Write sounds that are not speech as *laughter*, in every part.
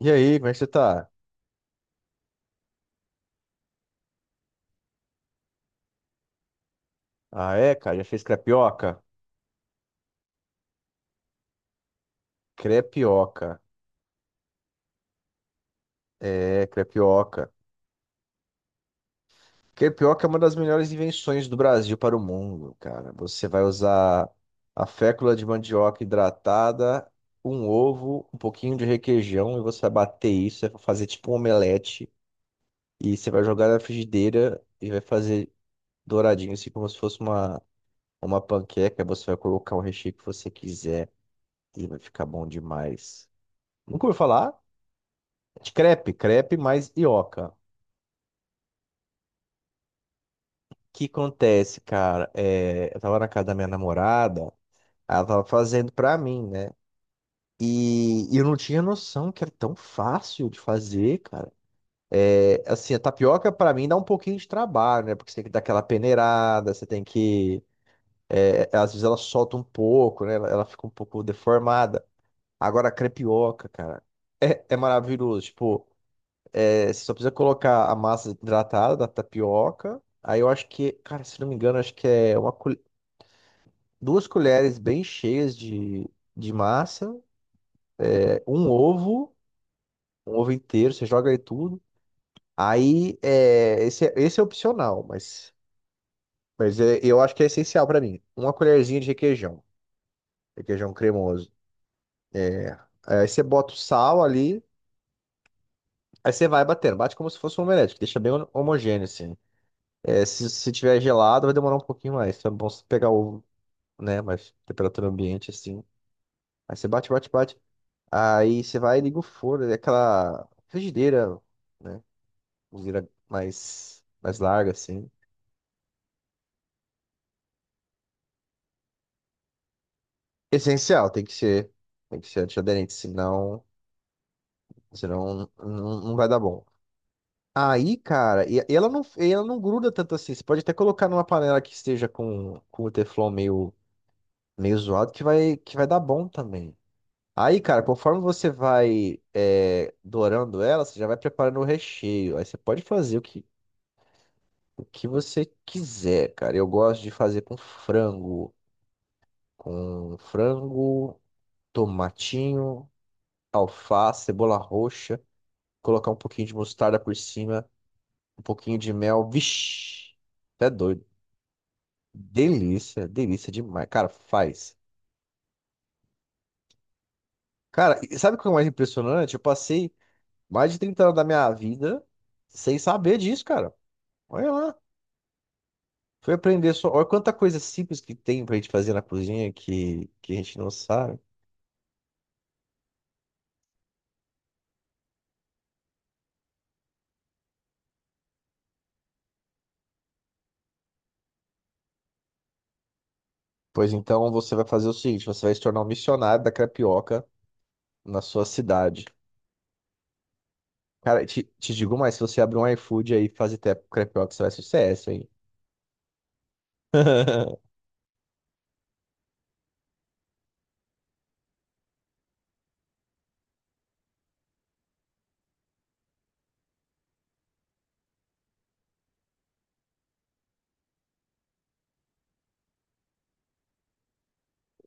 E aí, como é que você tá? Ah, é, cara, já fez crepioca? Crepioca. É, crepioca. Crepioca é uma das melhores invenções do Brasil para o mundo, cara. Você vai usar a fécula de mandioca hidratada, um ovo, um pouquinho de requeijão, e você vai bater isso, vai fazer tipo um omelete, e você vai jogar na frigideira e vai fazer douradinho, assim como se fosse uma panqueca. Você vai colocar o recheio que você quiser e vai ficar bom demais. Nunca ouviu falar? De crepe, crepe mais ioca. O que acontece, cara? Eu tava na casa da minha namorada, ela tava fazendo pra mim, né? E eu não tinha noção que era tão fácil de fazer, cara. É, assim, a tapioca pra mim dá um pouquinho de trabalho, né? Porque você tem que dar aquela peneirada, você tem que. É, às vezes ela solta um pouco, né? Ela fica um pouco deformada. Agora, a crepioca, cara, é maravilhoso. Tipo. É, você só precisa colocar a massa hidratada da tapioca. Aí eu acho que, cara, se não me engano, acho que é uma, duas colheres bem cheias de massa, é, um ovo inteiro, você joga aí tudo. Aí, é, esse é opcional, mas, eu acho que é essencial pra mim. Uma colherzinha de requeijão, requeijão cremoso. É. Aí você bota o sal ali, aí você vai batendo, bate como se fosse um omelete, que deixa bem homogêneo assim. É, se tiver gelado, vai demorar um pouquinho mais. Então é bom você pegar o né? Mas temperatura ambiente, assim. Aí você bate, bate, bate. Aí você vai e liga o forno, é aquela frigideira, né? Cozinheira mais larga, assim. Essencial, tem que ser. Tem que ser antiaderente, senão, senão não vai dar bom. Aí, cara, e ela não gruda tanto assim. Você pode até colocar numa panela que esteja com o teflon meio, meio zoado, que vai dar bom também. Aí, cara, conforme você vai é, dourando ela, você já vai preparando o recheio. Aí você pode fazer o que você quiser, cara. Eu gosto de fazer com frango, tomatinho, alface, cebola roxa, colocar um pouquinho de mostarda por cima, um pouquinho de mel. Vixe, até doido. Delícia, delícia demais. Cara, faz. Cara, e sabe o que é o mais impressionante? Eu passei mais de 30 anos da minha vida sem saber disso, cara. Olha lá. Foi aprender só. Olha quanta coisa simples que tem pra gente fazer na cozinha que a gente não sabe. Pois então você vai fazer o seguinte: você vai se tornar um missionário da crepioca na sua cidade. Cara, te digo mais: se você abrir um iFood aí e fazer crepioca, você vai sucesso, hein? *laughs*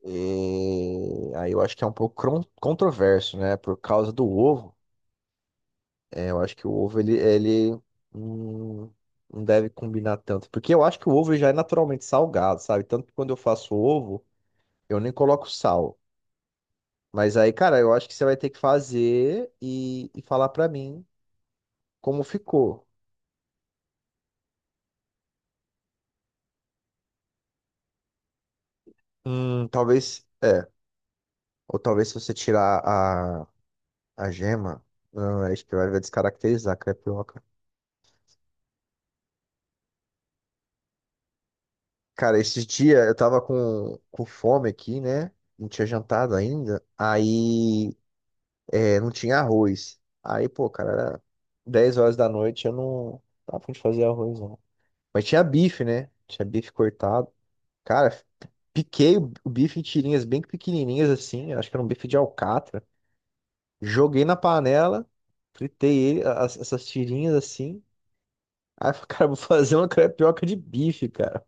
E aí eu acho que é um pouco controverso, né? Por causa do ovo. É, eu acho que o ovo ele hum, não deve combinar tanto. Porque eu acho que o ovo já é naturalmente salgado, sabe? Tanto que quando eu faço ovo. Eu nem coloco sal. Mas aí, cara, eu acho que você vai ter que fazer e falar pra mim como ficou. Talvez, é. Ou talvez se você tirar a gema, não, é, acho que vai descaracterizar a crepioca. Cara, esses dias eu tava com fome aqui, né? Não tinha jantado ainda. Aí, é, não tinha arroz. Aí, pô, cara, era 10 horas da noite, eu não tava a fim de fazer arroz, não. Mas tinha bife, né? Tinha bife cortado. Cara, piquei o bife em tirinhas bem pequenininhas assim, acho que era um bife de alcatra. Joguei na panela, fritei ele, essas tirinhas assim. Aí eu falei, *laughs* cara, vou fazer uma crepioca de bife, cara.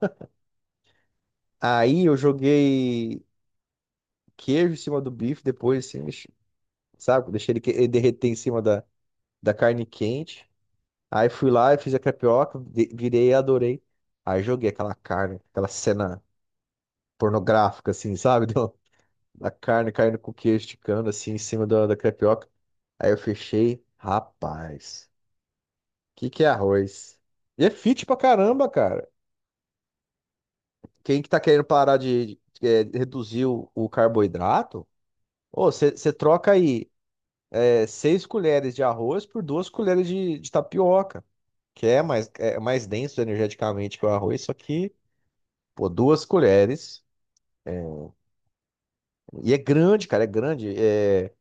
Aí eu joguei queijo em cima do bife depois, assim, sabe? Deixei ele, ele derreter em cima da, da carne quente. Aí fui lá e fiz a crepioca, virei e adorei. Aí joguei aquela carne, aquela cena pornográfica, assim, sabe? *laughs* a carne caindo com o queijo esticando assim em cima da, da crepioca. Aí eu fechei, rapaz, que é arroz? E é fit pra caramba, cara. Quem que tá querendo parar reduzir o carboidrato, ô, você troca aí é, seis colheres de arroz por duas colheres de tapioca, que é mais denso energeticamente que o arroz, só que, pô, duas colheres. É, E é grande, cara, é grande. É,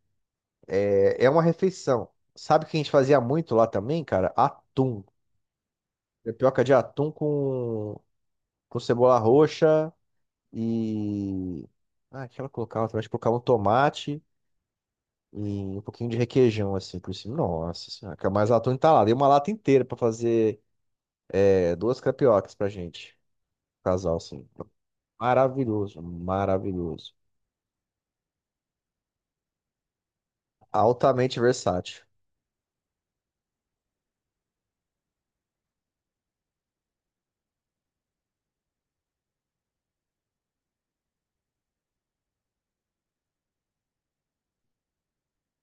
é, É uma refeição. Sabe o que a gente fazia muito lá também, cara? Atum. Tapioca de atum com cebola roxa e. Ah, o que ela colocava também. Acho que colocava um tomate e um pouquinho de requeijão, assim, por cima. Nossa senhora, que é mais atum entalado. E uma lata inteira pra fazer é, duas crepiocas pra gente. Casal, assim. Maravilhoso, maravilhoso. Altamente versátil.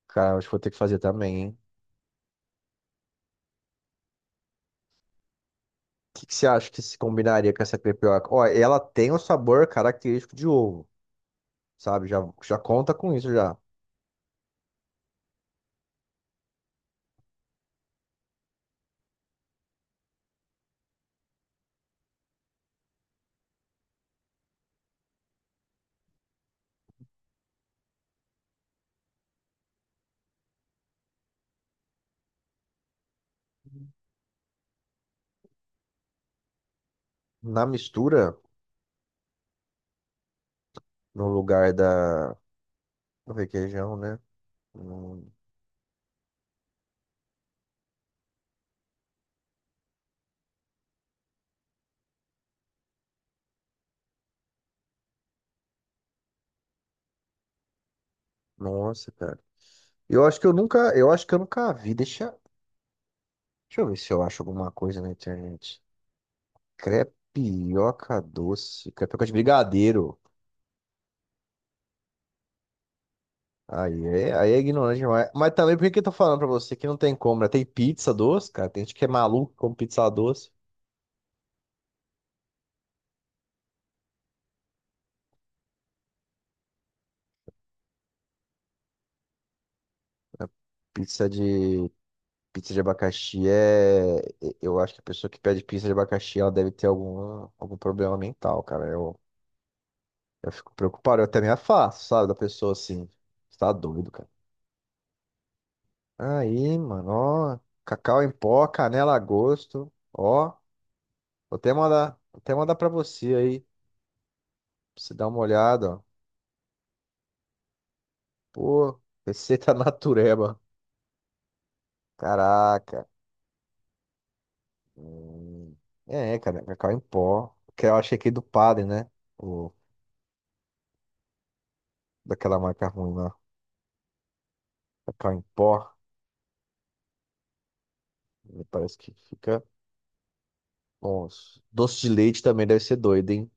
Cara, acho que vou ter que fazer também, hein? Que você acha que se combinaria com essa crepioca? Ó, ela tem um sabor característico de ovo, sabe? Já, já conta com isso já. Na mistura. No lugar da do requeijão, né? Hum, Nossa, cara. Eu acho que eu nunca, eu acho que eu nunca vi. Deixa, deixa eu ver se eu acho alguma coisa na internet. Crepioca doce, crepioca de brigadeiro. Aí é ignorante demais. Mas também por que que eu tô falando pra você que não tem como, né? Tem pizza doce, cara. Tem gente que é maluco com pizza doce. Pizza de pizza de abacaxi é, eu acho que a pessoa que pede pizza de abacaxi, ela deve ter algum problema mental, cara. Eu fico preocupado, eu até me afasto, sabe? Da pessoa assim. Você tá doido, cara. Aí, mano, ó. Cacau em pó, canela a gosto. Ó, vou até mandar pra você aí. Pra você dar uma olhada, ó. Pô, receita *laughs* natureba. Caraca. Hum, É, cara, cacau em pó. Que eu achei aqui do padre, né? O, daquela marca ruim lá. Cacau em pó. Parece que fica. Bom, doce de leite também deve ser doido, hein?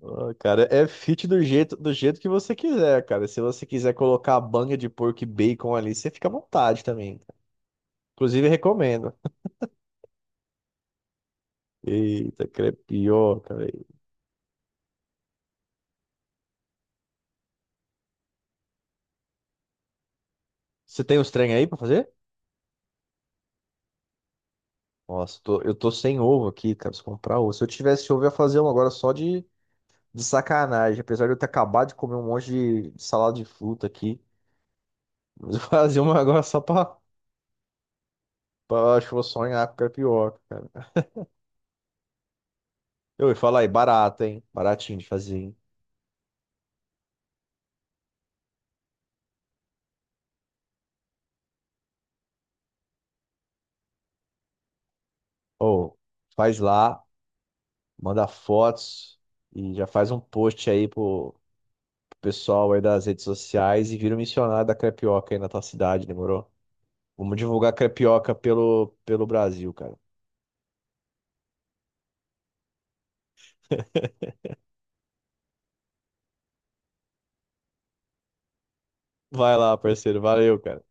Ô, cara, é fit do jeito que você quiser, cara. Se você quiser colocar a banha de porco e bacon ali, você fica à vontade também. Cara. Inclusive, recomendo. Eita, crepioca, velho. Você tem os trem aí pra fazer? Nossa, eu tô sem ovo aqui, cara. Preciso comprar ovo. Se eu tivesse ovo, eu ia fazer um agora só de sacanagem. Apesar de eu ter acabado de comer um monte de salada de fruta aqui. Mas eu *laughs* fazer uma agora só pra, pra acho que eu vou sonhar com crepioca, cara. Eu ia falar aí, barata, hein? Baratinho de fazer, hein? Ô, faz lá. Manda fotos e já faz um post aí pro, pro pessoal aí das redes sociais e vira um missionário da crepioca aí na tua cidade, demorou? Vamos divulgar crepioca pelo, pelo Brasil, cara. Vai lá, parceiro. Valeu, cara.